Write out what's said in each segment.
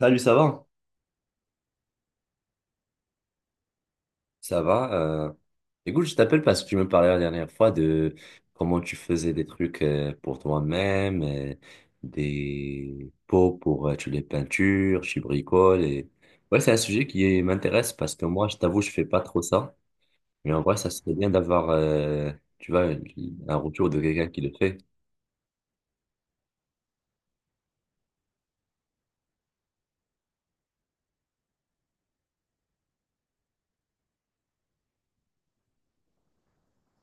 Salut, ça va? Ça va. euh, Écoute, je t'appelle parce que tu me parlais la dernière fois de comment tu faisais des trucs pour toi-même, des pots pour tu les peintures, tu bricoles. Ouais, c'est un sujet qui m'intéresse parce que moi, je t'avoue, je fais pas trop ça. Mais en vrai, ça serait bien d'avoir, tu vois, un retour de quelqu'un qui le fait.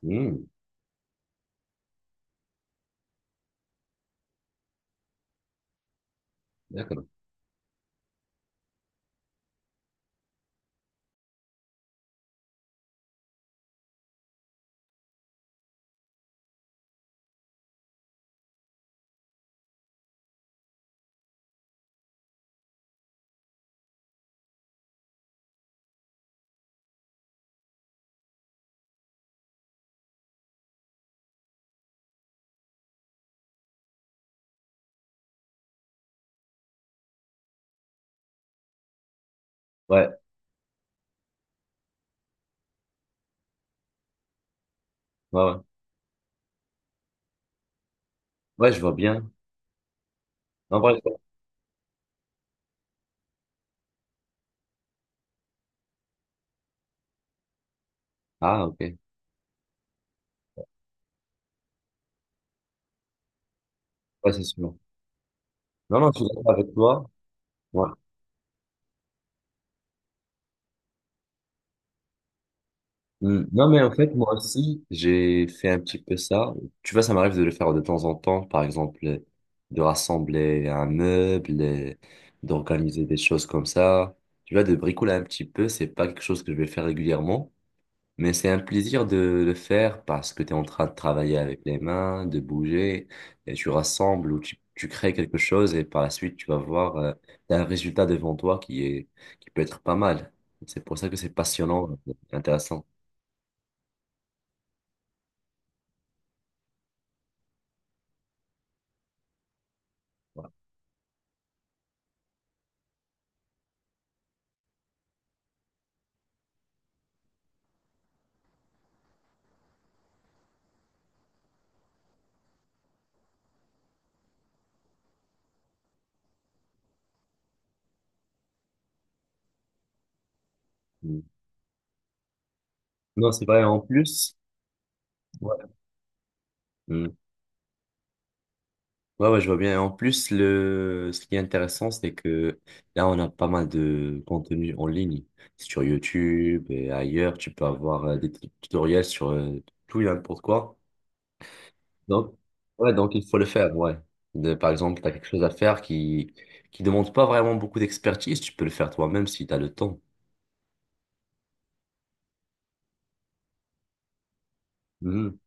Hmm, d'accord. Ouais, ouais, ouais. Ouais, je vois bien. En vrai, je vois. Ah, ok. Ouais, c'est sûr. Non, non, je suis d'accord avec toi. Ouais. Hmm, non, mais en fait, moi aussi, j'ai fait un petit peu ça. Tu vois, ça m'arrive de le faire de temps en temps, par exemple, de rassembler un meuble, d'organiser des choses comme ça. Tu vois, de bricoler un petit peu, c'est pas quelque chose que je vais faire régulièrement, mais c'est un plaisir de le faire parce que tu es en train de travailler avec les mains, de bouger, et tu rassembles ou tu crées quelque chose et par la suite, tu vas voir, t'as un résultat devant toi qui est, qui peut être pas mal. C'est pour ça que c'est passionnant, intéressant. Mmh. Non, c'est vrai, en plus, ouais. Mm. Ouais, ouais, je vois bien. En plus, ce qui est intéressant, c'est que là, on a pas mal de contenu en ligne. Sur YouTube et ailleurs, tu peux avoir tutoriels sur tout et n'importe quoi. Donc, ouais, donc il faut le faire, ouais. Par exemple, tu as quelque chose à faire qui demande pas vraiment beaucoup d'expertise, tu peux le faire toi-même si tu as le temps. Mhm.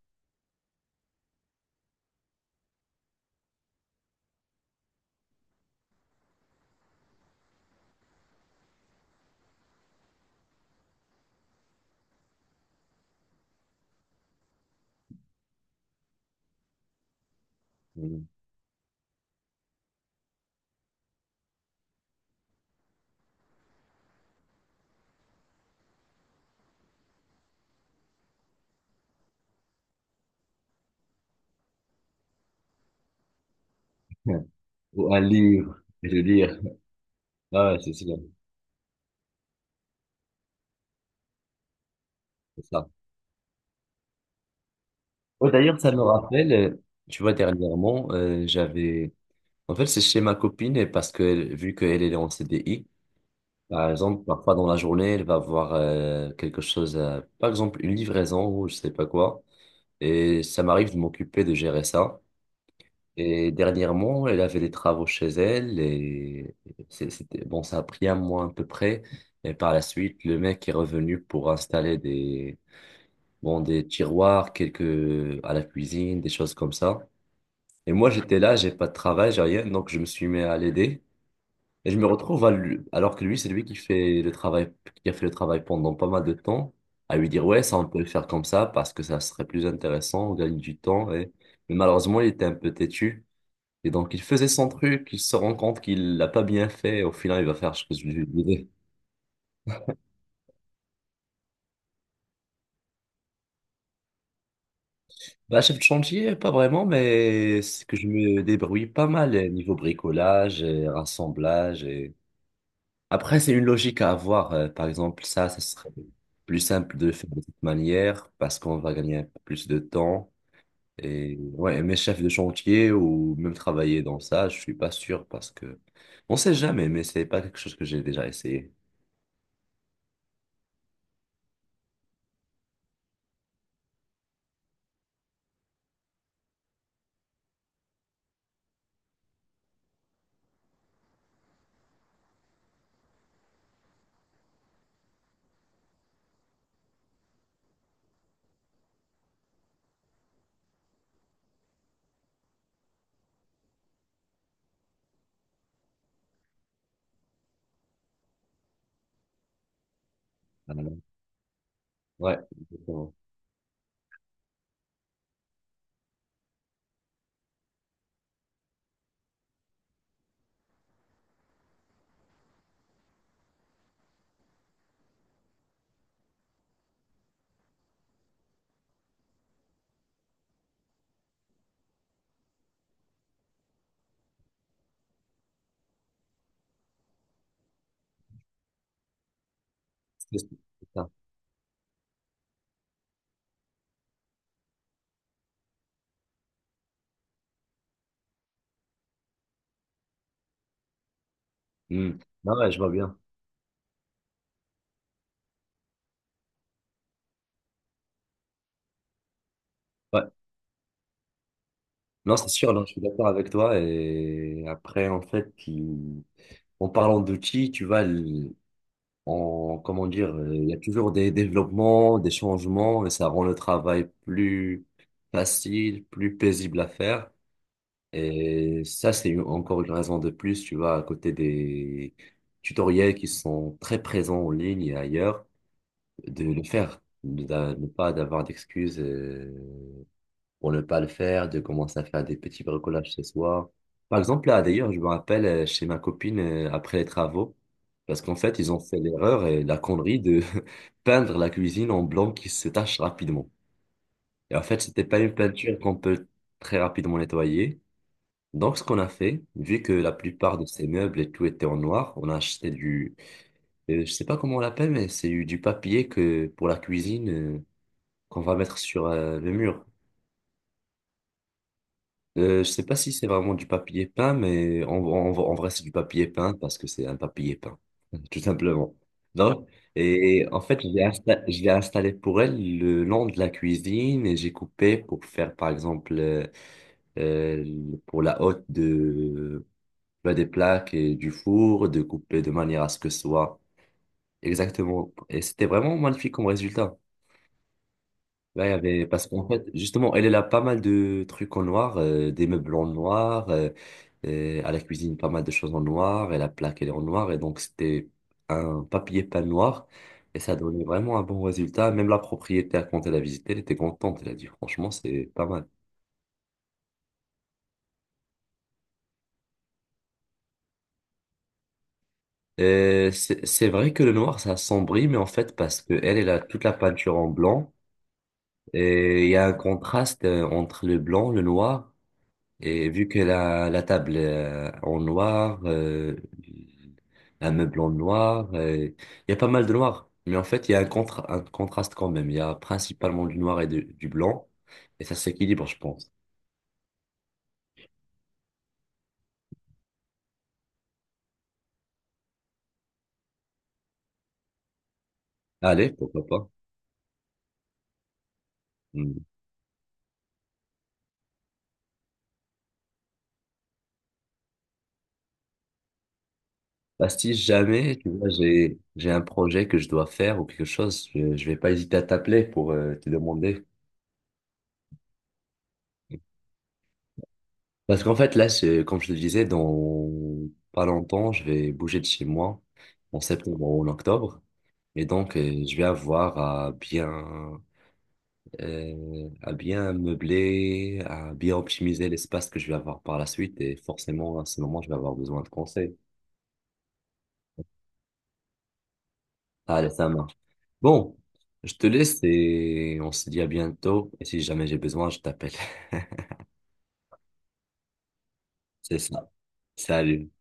Mhm. Ou un livre, je veux dire. Ah, ouais, c'est ça. Oh, d'ailleurs, ça me rappelle, tu vois, dernièrement, j'avais... En fait, c'est chez ma copine, et parce que vu qu'elle est en CDI par exemple, parfois dans la journée, elle va voir quelque chose, par exemple, une livraison ou je sais pas quoi, et ça m'arrive de m'occuper de gérer ça. Et dernièrement, elle avait des travaux chez elle, et c'était... Bon, ça a pris un mois à peu près, et par la suite, le mec est revenu pour installer des... Bon, des tiroirs, quelques à la cuisine, des choses comme ça. Et moi, j'étais là, j'ai pas de travail, j'ai rien, donc je me suis mis à l'aider. Et je me retrouve à alors que lui, c'est lui qui fait le travail, qui a fait le travail pendant pas mal de temps, à lui dire, ouais, ça, on peut le faire comme ça parce que ça serait plus intéressant, on gagne du temps. Et... Mais malheureusement, il était un peu têtu. Et donc, il faisait son truc, il se rend compte qu'il l'a pas bien fait. Et au final, il va faire ce que je lui disais. Bah, chef de chantier, pas vraiment, mais c'est que je me débrouille pas mal eh, niveau bricolage et rassemblage et après, c'est une logique à avoir. Par exemple, ça, ce serait plus simple de le faire de cette manière parce qu'on va gagner un peu plus de temps. Et ouais, mes chefs de chantier ou même travailler dans ça, je suis pas sûr parce que on sait jamais, mais c'est pas quelque chose que j'ai déjà essayé. Ah, ouais, exactement. C'est ça. Hmm. Non, ouais, je vois bien. Ouais. Non, c'est sûr, non, je suis d'accord avec toi. Et après, en fait, en parlant d'outils, tu vois, on, comment dire, il y a toujours des développements, des changements, et ça rend le travail plus facile, plus paisible à faire. Et ça, c'est encore une raison de plus, tu vois, à côté des tutoriels qui sont très présents en ligne et ailleurs, de le faire, de ne pas d'avoir d'excuses. Pour ne pas le faire, de commencer à faire des petits bricolages ce soir. Par exemple, là, d'ailleurs, je me rappelle chez ma copine après les travaux, parce qu'en fait, ils ont fait l'erreur et la connerie de peindre la cuisine en blanc qui se tache rapidement. Et en fait, c'était pas une peinture qu'on peut très rapidement nettoyer. Donc, ce qu'on a fait, vu que la plupart de ces meubles et tout était en noir, on a acheté du, je sais pas comment on l'appelle, mais c'est du papier que pour la cuisine qu'on va mettre sur le mur. Je sais pas si c'est vraiment du papier peint, mais en vrai, c'est du papier peint parce que c'est un papier peint, tout simplement. Donc, et en fait, je l'ai installé pour elle le long de la cuisine et j'ai coupé pour faire, par exemple, pour la haute de, bah, des plaques et du four, de couper de manière à ce que ce soit exactement. Et c'était vraiment magnifique comme résultat. Là, il y avait, parce qu'en fait, justement, elle a pas mal de trucs en noir, des meubles en noir, à la cuisine, pas mal de choses en noir, et la plaque, elle est en noir, et donc c'était un papier peint noir, et ça donnait vraiment un bon résultat. Même la propriétaire, quand elle a visité, elle était contente, elle a dit, franchement, c'est pas mal. C'est vrai que le noir, ça assombrit, mais en fait, parce que elle a toute la peinture en blanc, et il y a un contraste entre le blanc, le noir, et vu que la table en noir, un meuble en noir, il y a pas mal de noir. Mais en fait, il y a un, un contraste quand même. Il y a principalement du noir et du blanc. Et ça s'équilibre, je pense. Allez, pourquoi pas. Hmm. Bah, si jamais, tu vois, j'ai un projet que je dois faire ou quelque chose, je vais pas hésiter à t'appeler pour te demander. Parce qu'en fait, là, comme je te disais, dans pas longtemps, je vais bouger de chez moi en septembre ou en octobre. Et donc, je vais avoir à bien meubler, à bien optimiser l'espace que je vais avoir par la suite. Et forcément, à ce moment, je vais avoir besoin de conseils. Allez, ça marche. Bon, je te laisse et on se dit à bientôt. Et si jamais j'ai besoin, je t'appelle. C'est ça. Salut.